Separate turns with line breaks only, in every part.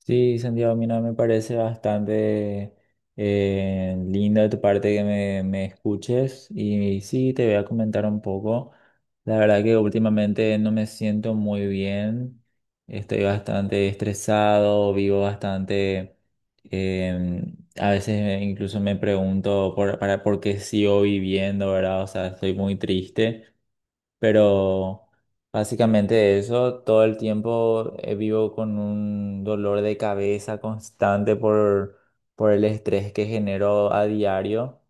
Sí, Santiago, mira, me parece bastante lindo de tu parte que me escuches y sí, te voy a comentar un poco. La verdad que últimamente no me siento muy bien, estoy bastante estresado, vivo bastante, eh, a veces incluso me pregunto por qué sigo viviendo, ¿verdad? O sea, estoy muy triste. Pero básicamente eso, todo el tiempo vivo con un dolor de cabeza constante por el estrés que genero a diario.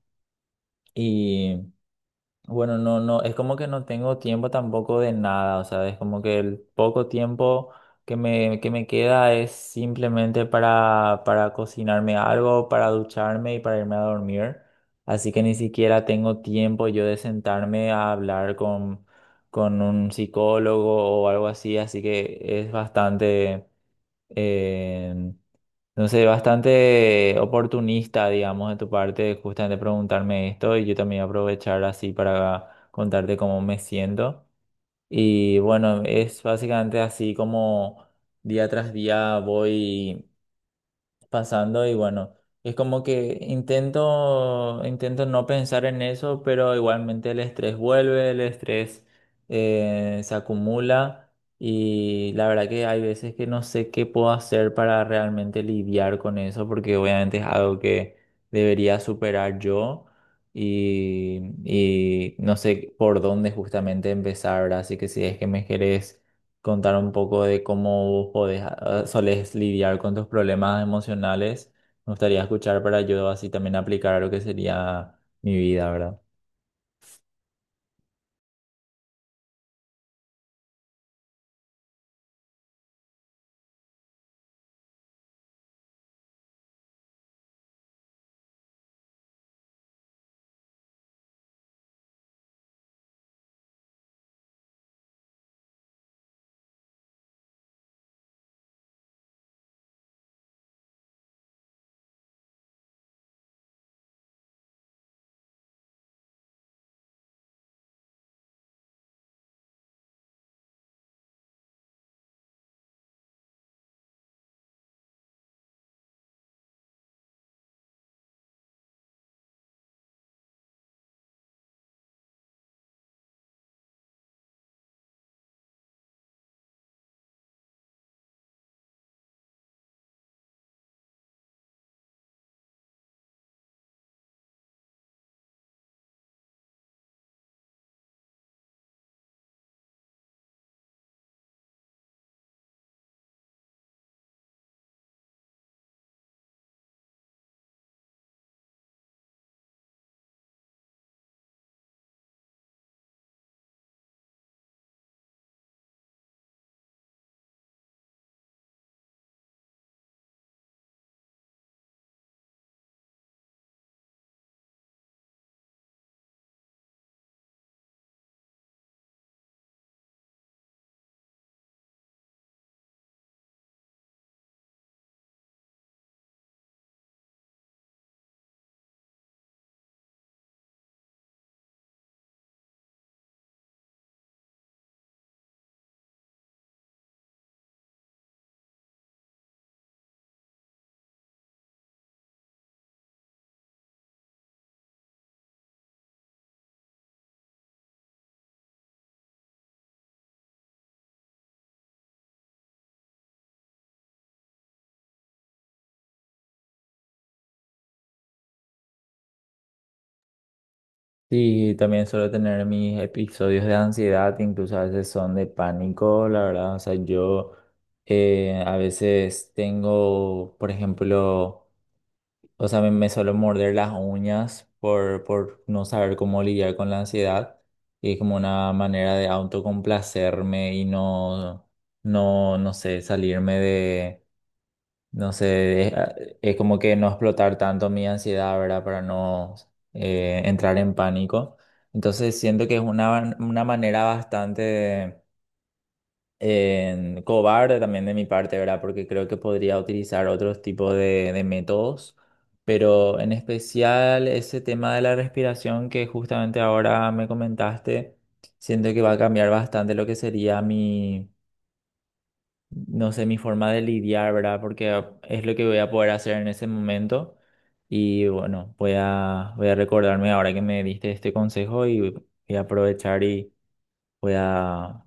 Bueno, no, no, es como que no tengo tiempo tampoco de nada, o sea, es como que el poco tiempo que que me queda es simplemente para cocinarme algo, para ducharme y para irme a dormir. Así que ni siquiera tengo tiempo yo de sentarme a hablar con un psicólogo o algo así, así que es bastante, eh, entonces, bastante oportunista, digamos, de tu parte, justamente preguntarme esto y yo también aprovechar así para contarte cómo me siento. Y bueno, es básicamente así como día tras día voy pasando y bueno, es como que intento no pensar en eso, pero igualmente el estrés vuelve, el estrés se acumula y la verdad que hay veces que no sé qué puedo hacer para realmente lidiar con eso, porque obviamente es algo que debería superar yo. Y no sé por dónde justamente empezar, ¿verdad? Así que si es que me querés contar un poco de cómo podés, solés lidiar con tus problemas emocionales. Me gustaría escuchar para yo así también aplicar a lo que sería mi vida, ¿verdad? Sí, también suelo tener mis episodios de ansiedad, incluso a veces son de pánico, la verdad. O sea, yo a veces tengo, por ejemplo, o sea, me suelo morder las uñas por no saber cómo lidiar con la ansiedad. Y es como una manera de autocomplacerme y no, no sé, salirme de, no sé, es como que no explotar tanto mi ansiedad, ¿verdad? Para no entrar en pánico. Entonces siento que es una manera bastante en cobarde también de mi parte, ¿verdad? Porque creo que podría utilizar otros tipos de métodos, pero en especial ese tema de la respiración que justamente ahora me comentaste, siento que va a cambiar bastante lo que sería mi, no sé, mi forma de lidiar, ¿verdad? Porque es lo que voy a poder hacer en ese momento. Y bueno, voy a recordarme ahora que me diste este consejo y voy a aprovechar y voy a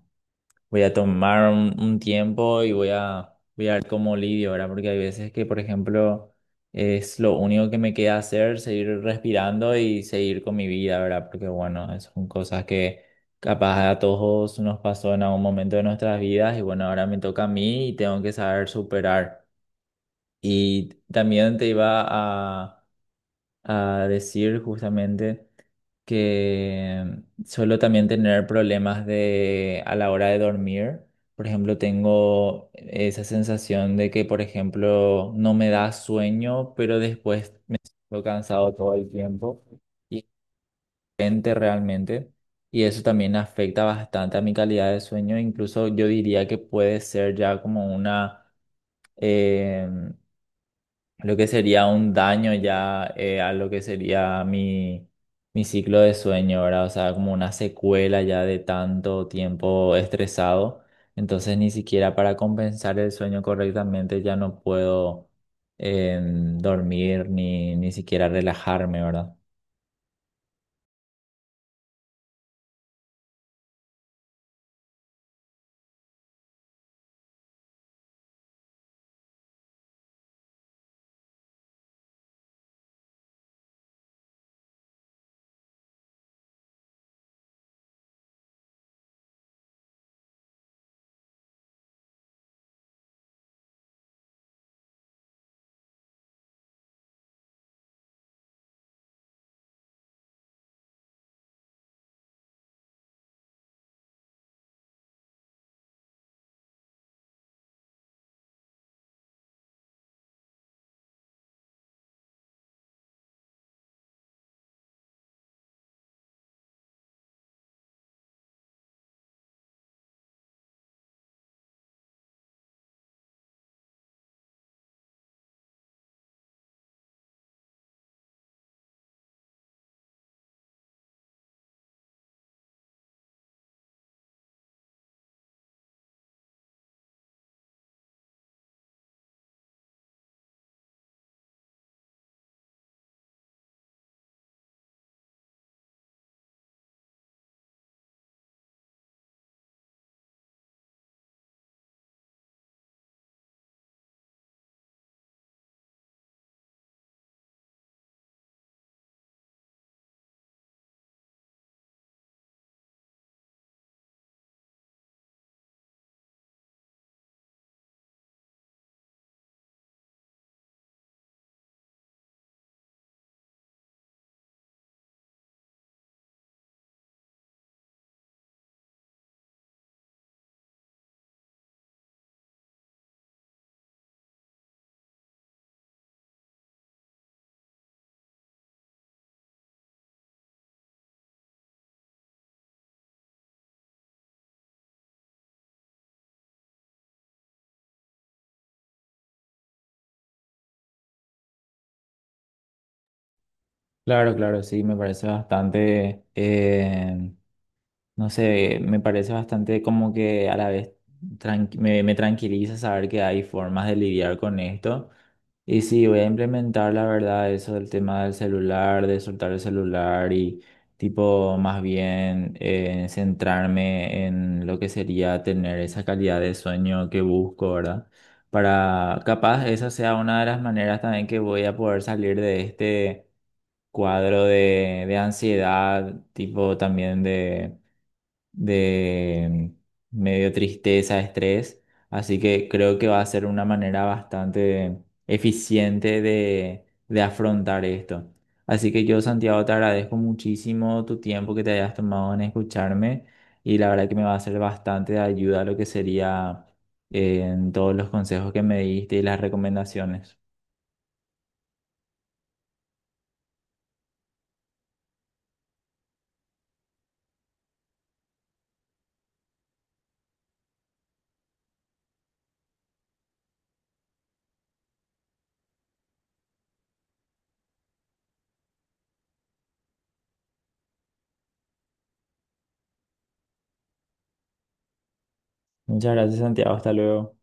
voy a tomar un tiempo y voy a ver cómo lidio, ¿verdad? Porque hay veces que, por ejemplo, es lo único que me queda hacer, seguir respirando y seguir con mi vida, ¿verdad? Porque, bueno, esas son cosas que capaz a todos nos pasó en algún momento de nuestras vidas y, bueno, ahora me toca a mí y tengo que saber superar. Y también te iba a a decir justamente que suelo también tener problemas de a la hora de dormir. Por ejemplo, tengo esa sensación de que, por ejemplo, no me da sueño, pero después me siento cansado todo el tiempo y gente realmente. Y eso también afecta bastante a mi calidad de sueño. Incluso yo diría que puede ser ya como una em, lo que sería un daño ya a lo que sería mi, mi ciclo de sueño, ¿verdad? O sea, como una secuela ya de tanto tiempo estresado. Entonces, ni siquiera para compensar el sueño correctamente ya no puedo dormir ni, ni siquiera relajarme, ¿verdad? Claro, claro, sí, me parece bastante. No sé, me parece bastante como que a la vez me tranquiliza saber que hay formas de lidiar con esto. Y sí, voy a implementar la verdad eso del tema del celular, de soltar el celular y tipo más bien centrarme en lo que sería tener esa calidad de sueño que busco, ¿verdad? Para capaz esa sea una de las maneras también que voy a poder salir de este cuadro de ansiedad, tipo también de medio tristeza, estrés. Así que creo que va a ser una manera bastante eficiente de afrontar esto. Así que yo, Santiago, te agradezco muchísimo tu tiempo que te hayas tomado en escucharme y la verdad que me va a ser bastante de ayuda lo que sería en todos los consejos que me diste y las recomendaciones. Muchas gracias, Santiago. Hasta luego.